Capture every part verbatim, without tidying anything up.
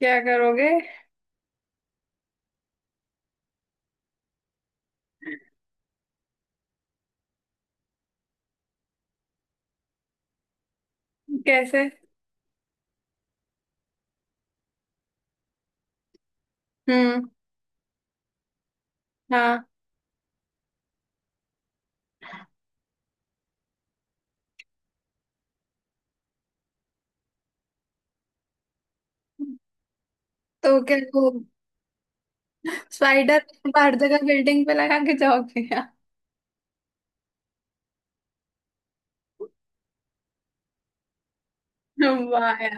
क्या करोगे? कैसे? हम्म। हाँ। तो क्या वो स्पाइडर हर जगह बिल्डिंग पे लगा के जाओगे यार? वाह यार।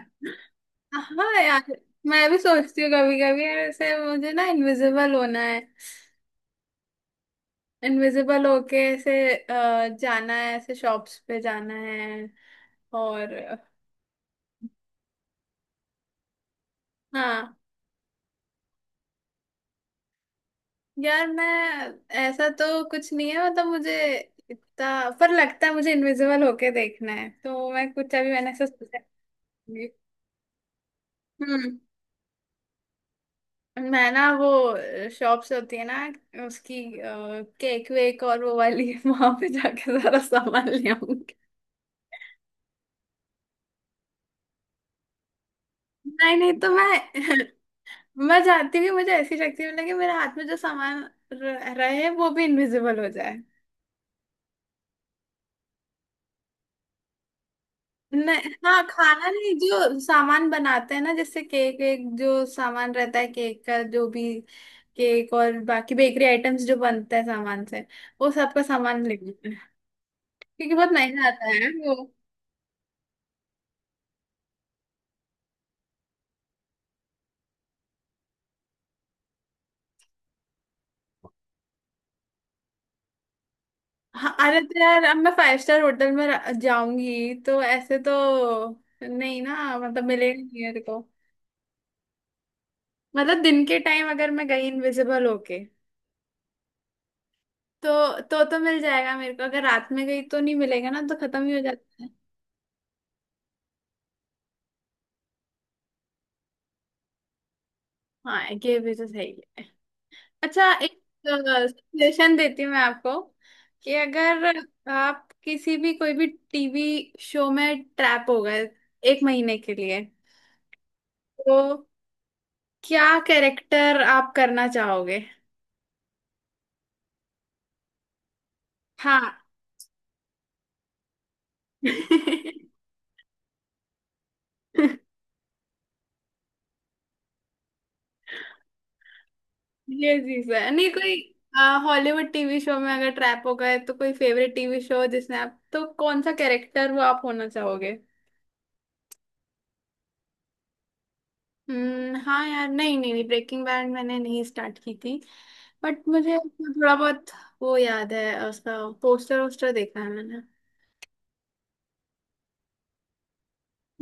हाँ यार, मैं भी सोचती हूँ कभी कभी यार, ऐसे मुझे ना इनविजिबल होना है। इनविजिबल होके ऐसे अ, जाना है, ऐसे शॉप्स पे जाना है, और... हाँ यार। मैं ऐसा तो कुछ नहीं है, मतलब मुझे इतना पर लगता है मुझे इनविजिबल होके देखना है, तो मैं कुछ, अभी मैंने ऐसा सोचा। हम्म। मैं ना वो शॉप्स होती है ना उसकी, केक वेक और वो वाली वहां पे जाके सारा सामान ले आऊंगी। नहीं नहीं, तो मैं मैं चाहती हूँ कि मुझे ऐसी शक्ति मिले कि मेरे हाथ में जो सामान र- रहे वो भी इनविजिबल हो जाए। नहीं, हाँ, खाना नहीं, जो सामान बनाते हैं ना, जैसे केक वेक, जो सामान रहता है केक का जो भी, केक और बाकी बेकरी आइटम्स जो बनते हैं सामान से, वो सबका सामान लेना है। क्योंकि बहुत महंगा आता है वो। हाँ, अरे तो यार, अब मैं फाइव स्टार होटल में र- जाऊंगी तो ऐसे तो नहीं ना, मतलब मिलेगा नहीं मेरे को। मतलब दिन के टाइम अगर मैं गई इनविजिबल होके तो तो तो मिल जाएगा मेरे को, अगर रात में गई तो नहीं मिलेगा ना, तो खत्म ही हो जाता है। हाँ, ये भी तो सही है। अच्छा, एक सजेशन देती हूँ मैं आपको कि अगर आप किसी भी कोई भी टीवी शो में ट्रैप हो गए एक महीने के लिए, तो क्या कैरेक्टर आप करना चाहोगे? हाँ, ये चीज है नहीं कोई। हॉलीवुड टीवी शो में अगर ट्रैप हो गए तो कोई फेवरेट टीवी शो जिसने आप, तो कौन सा कैरेक्टर वो आप होना चाहोगे? हम्म। हाँ यार, नहीं नहीं नहीं, ब्रेकिंग बैड मैंने नहीं स्टार्ट की थी, बट मुझे उसका थोड़ा बहुत वो याद है, उसका पोस्टर वोस्टर देखा है मैंने।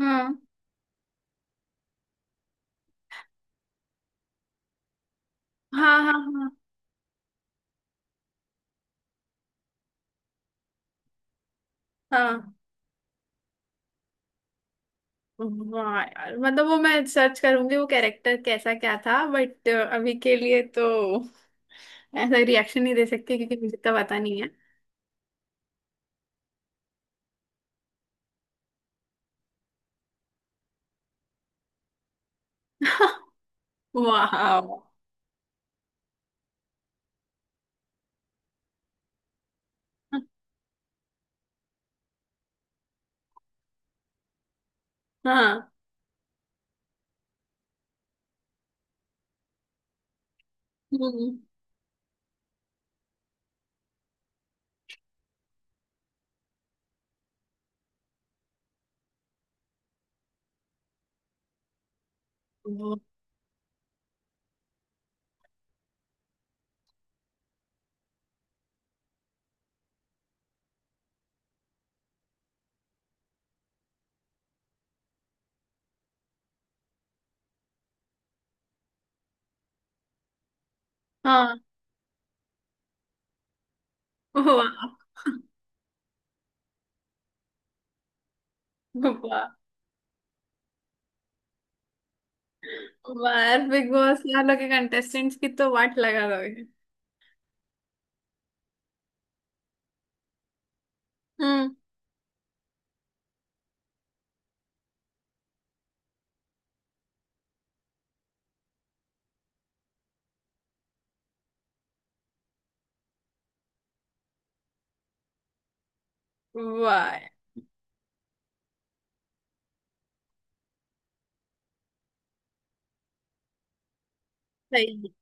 हाँ हाँ हाँ हाँ। हाँ, वाह यार, मतलब वो मैं सर्च करूंगी वो कैरेक्टर कैसा क्या था, बट अभी के लिए तो ऐसा रिएक्शन नहीं दे सकती क्योंकि मुझे तो पता नहीं। वाह। हाँ। हम्म। वो- हाँ। वाह वाह वाह यार, बिग बॉस यार लोग के कंटेस्टेंट्स की तो वाट लगा दोगे। हम्म। वाह यार। सही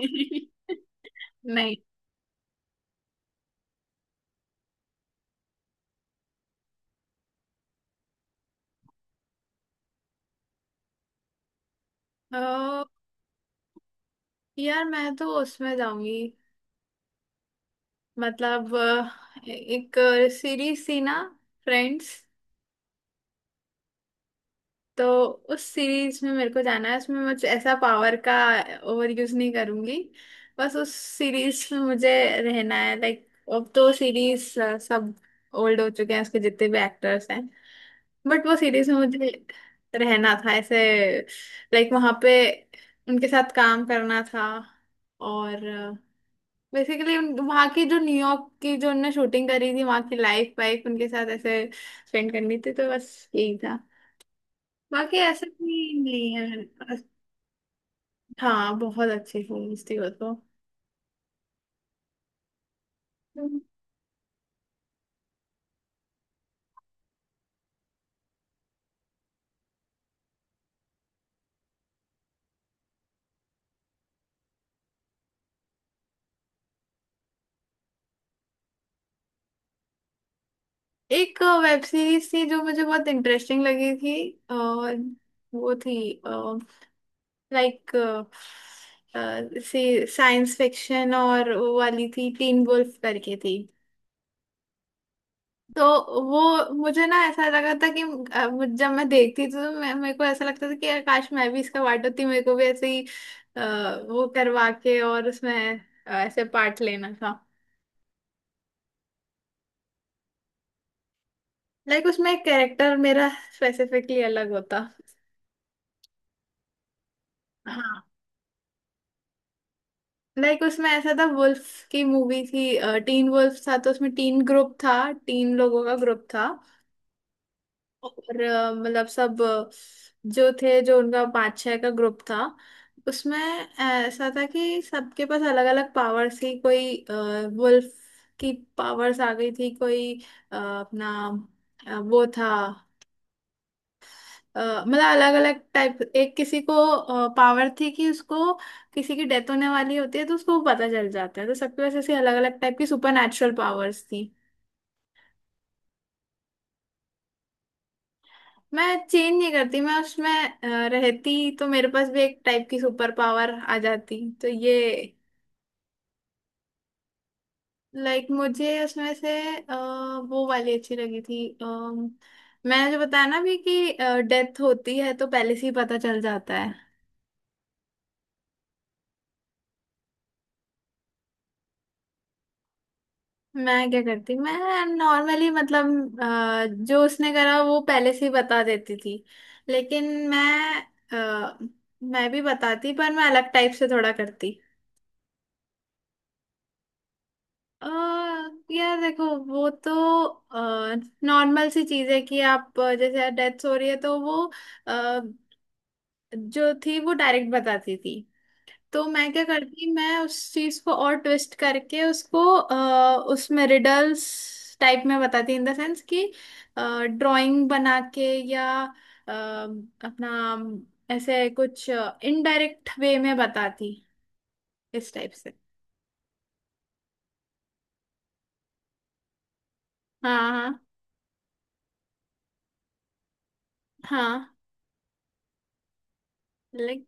है। नहीं। अ, यार, मैं तो उसमें जाऊंगी, मतलब अ, एक सीरीज थी ना, फ्रेंड्स। तो उस सीरीज में मेरे को जाना है, उसमें मुझे ऐसा पावर का ओवर यूज नहीं करूंगी, बस उस सीरीज में मुझे रहना है। लाइक अब तो सीरीज सब ओल्ड हो चुके हैं, उसके जितने भी एक्टर्स हैं, बट वो सीरीज में मुझे रहना था ऐसे, लाइक वहां पे उनके साथ काम करना था, और बेसिकली वहां की जो न्यूयॉर्क की जो उनने शूटिंग करी थी वहां की लाइफ वाइफ उनके साथ ऐसे स्पेंड करनी थी, तो बस यही था, बाकी ऐसे भी नहीं है अ- हाँ, बहुत अच्छी सीरीज थी वो तो। एक वेब सीरीज थी जो मुझे बहुत इंटरेस्टिंग लगी थी, और वो थी लाइक सी साइंस फिक्शन, और वो वाली थी, टीन वुल्फ करके थी। तो वो मुझे ना ऐसा लगा था कि अ, मुझ- जब मैं देखती थी तो मैं, मेरे को ऐसा लगता था कि यार काश मैं भी इसका पार्ट होती, मेरे को भी ऐसे ही अ, वो करवा के, और उसमें अ, ऐसे पार्ट लेना था। लाइक उसमें कैरेक्टर मेरा स्पेसिफिकली अलग होता। हाँ, लाइक उसमें ऐसा था, वुल्फ की मूवी थी, टीन वुल्फ था, तो उसमें टीन ग्रुप था, तीन लोगों का ग्रुप था। और अ, मतलब सब अ, जो थे, जो उनका पाँच छः का ग्रुप था, उसमें ऐसा था कि सबके पास अलग अलग पावर्स थी, कोई वुल्फ की पावर्स आ गई थी, कोई अ, अपना अ, वो था, अ, मतलब अलग अलग टाइप, एक किसी को पावर थी कि उसको किसी की डेथ होने वाली होती है तो उसको वो पता चल जाता है, तो सबके पास ऐसी अलग अलग टाइप की सुपर नेचुरल पावर्स थी। मैं चेंज नहीं करती, मैं उसमें अ, रहती तो मेरे पास भी एक टाइप की सुपर पावर आ जाती, तो ये... लाइक मुझे उसमें से अ, वो वाली अच्छी लगी थी, अम, मैंने जो बताया ना भी, कि डेथ होती है तो पहले से ही पता चल जाता है। मैं क्या करती, मैं नॉर्मली मतलब अ, जो उसने करा वो पहले से ही बता देती थी, लेकिन मैं अ, मैं भी बताती, पर मैं अलग टाइप से थोड़ा करती। अ, यार देखो, वो तो नॉर्मल सी चीज है कि आप अ, जैसे डेथ हो रही है तो वो अ, जो थी वो डायरेक्ट बताती थी, तो मैं क्या करती, मैं उस चीज को और ट्विस्ट करके उसको अ, उसमें रिडल्स टाइप में बताती, इन द सेंस कि ड्राइंग बना के, या अ, अपना ऐसे कुछ इनडायरेक्ट वे में बताती, इस टाइप से। हाँ हाँ हाँ। लाइक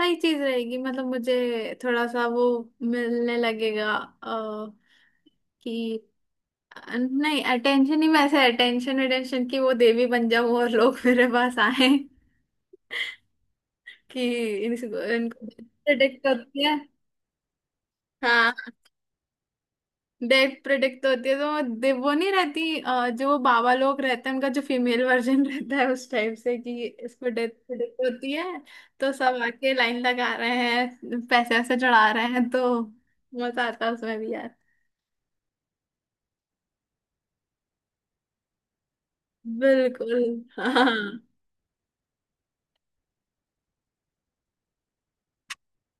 सही चीज रहेगी, मतलब मुझे थोड़ा सा वो मिलने लगेगा अ, कि... अ, नहीं, अटेंशन ही, मैं ऐसे अटेंशन अटेंशन की वो देवी बन जाऊं और लोग मेरे पास आए कि इनको इनको प्रेडिक्ट होती है। हाँ। डेथ प्रेडिक्ट होती है तो वो दे- वो नहीं रहती, अ, जो वो बाबा लोग रहते हैं उनका जो फीमेल वर्जन रहता है, उस टाइप से कि इसको डेथ प्रेडिक्ट होती है। तो सब आके लाइन लगा रहे हैं, पैसे वैसे चढ़ा रहे हैं, तो मजा आता है उसमें भी यार। बिल्कुल। हाँ।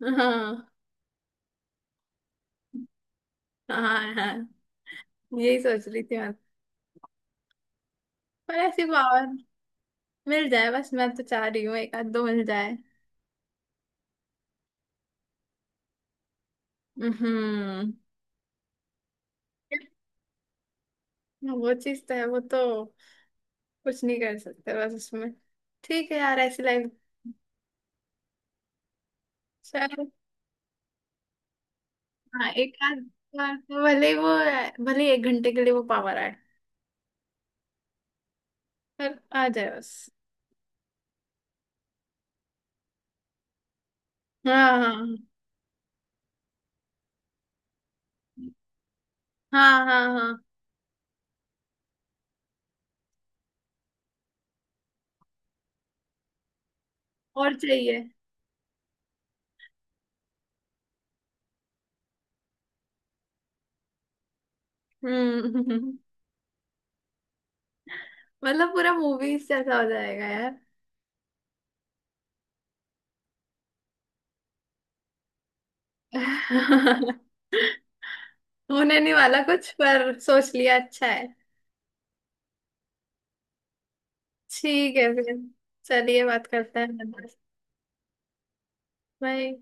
हाँ हाँ हाँ। यही सोच रही थी, पर ऐसी पावर मिल जाए बस, मैं तो चाह रही हूँ एक आध दो मिल जाए। हम्म। वो चीज तो है, वो तो कुछ नहीं कर सकते बस उसमें, ठीक है यार, ऐसी लाइफ। चलो। हाँ, एक आध बार तो भले ही वो, भले ही एक घंटे के लिए वो पावर आए, पर आ जाए बस। हाँ हाँ हाँ हाँ हाँ हाँ। और चाहिए। हम्म। मतलब पूरा मूवीज जैसा हो जाएगा यार। होने नहीं वाला कुछ, पर सोच लिया अच्छा है। ठीक है फिर, चलिए बात करते हैं। बाय।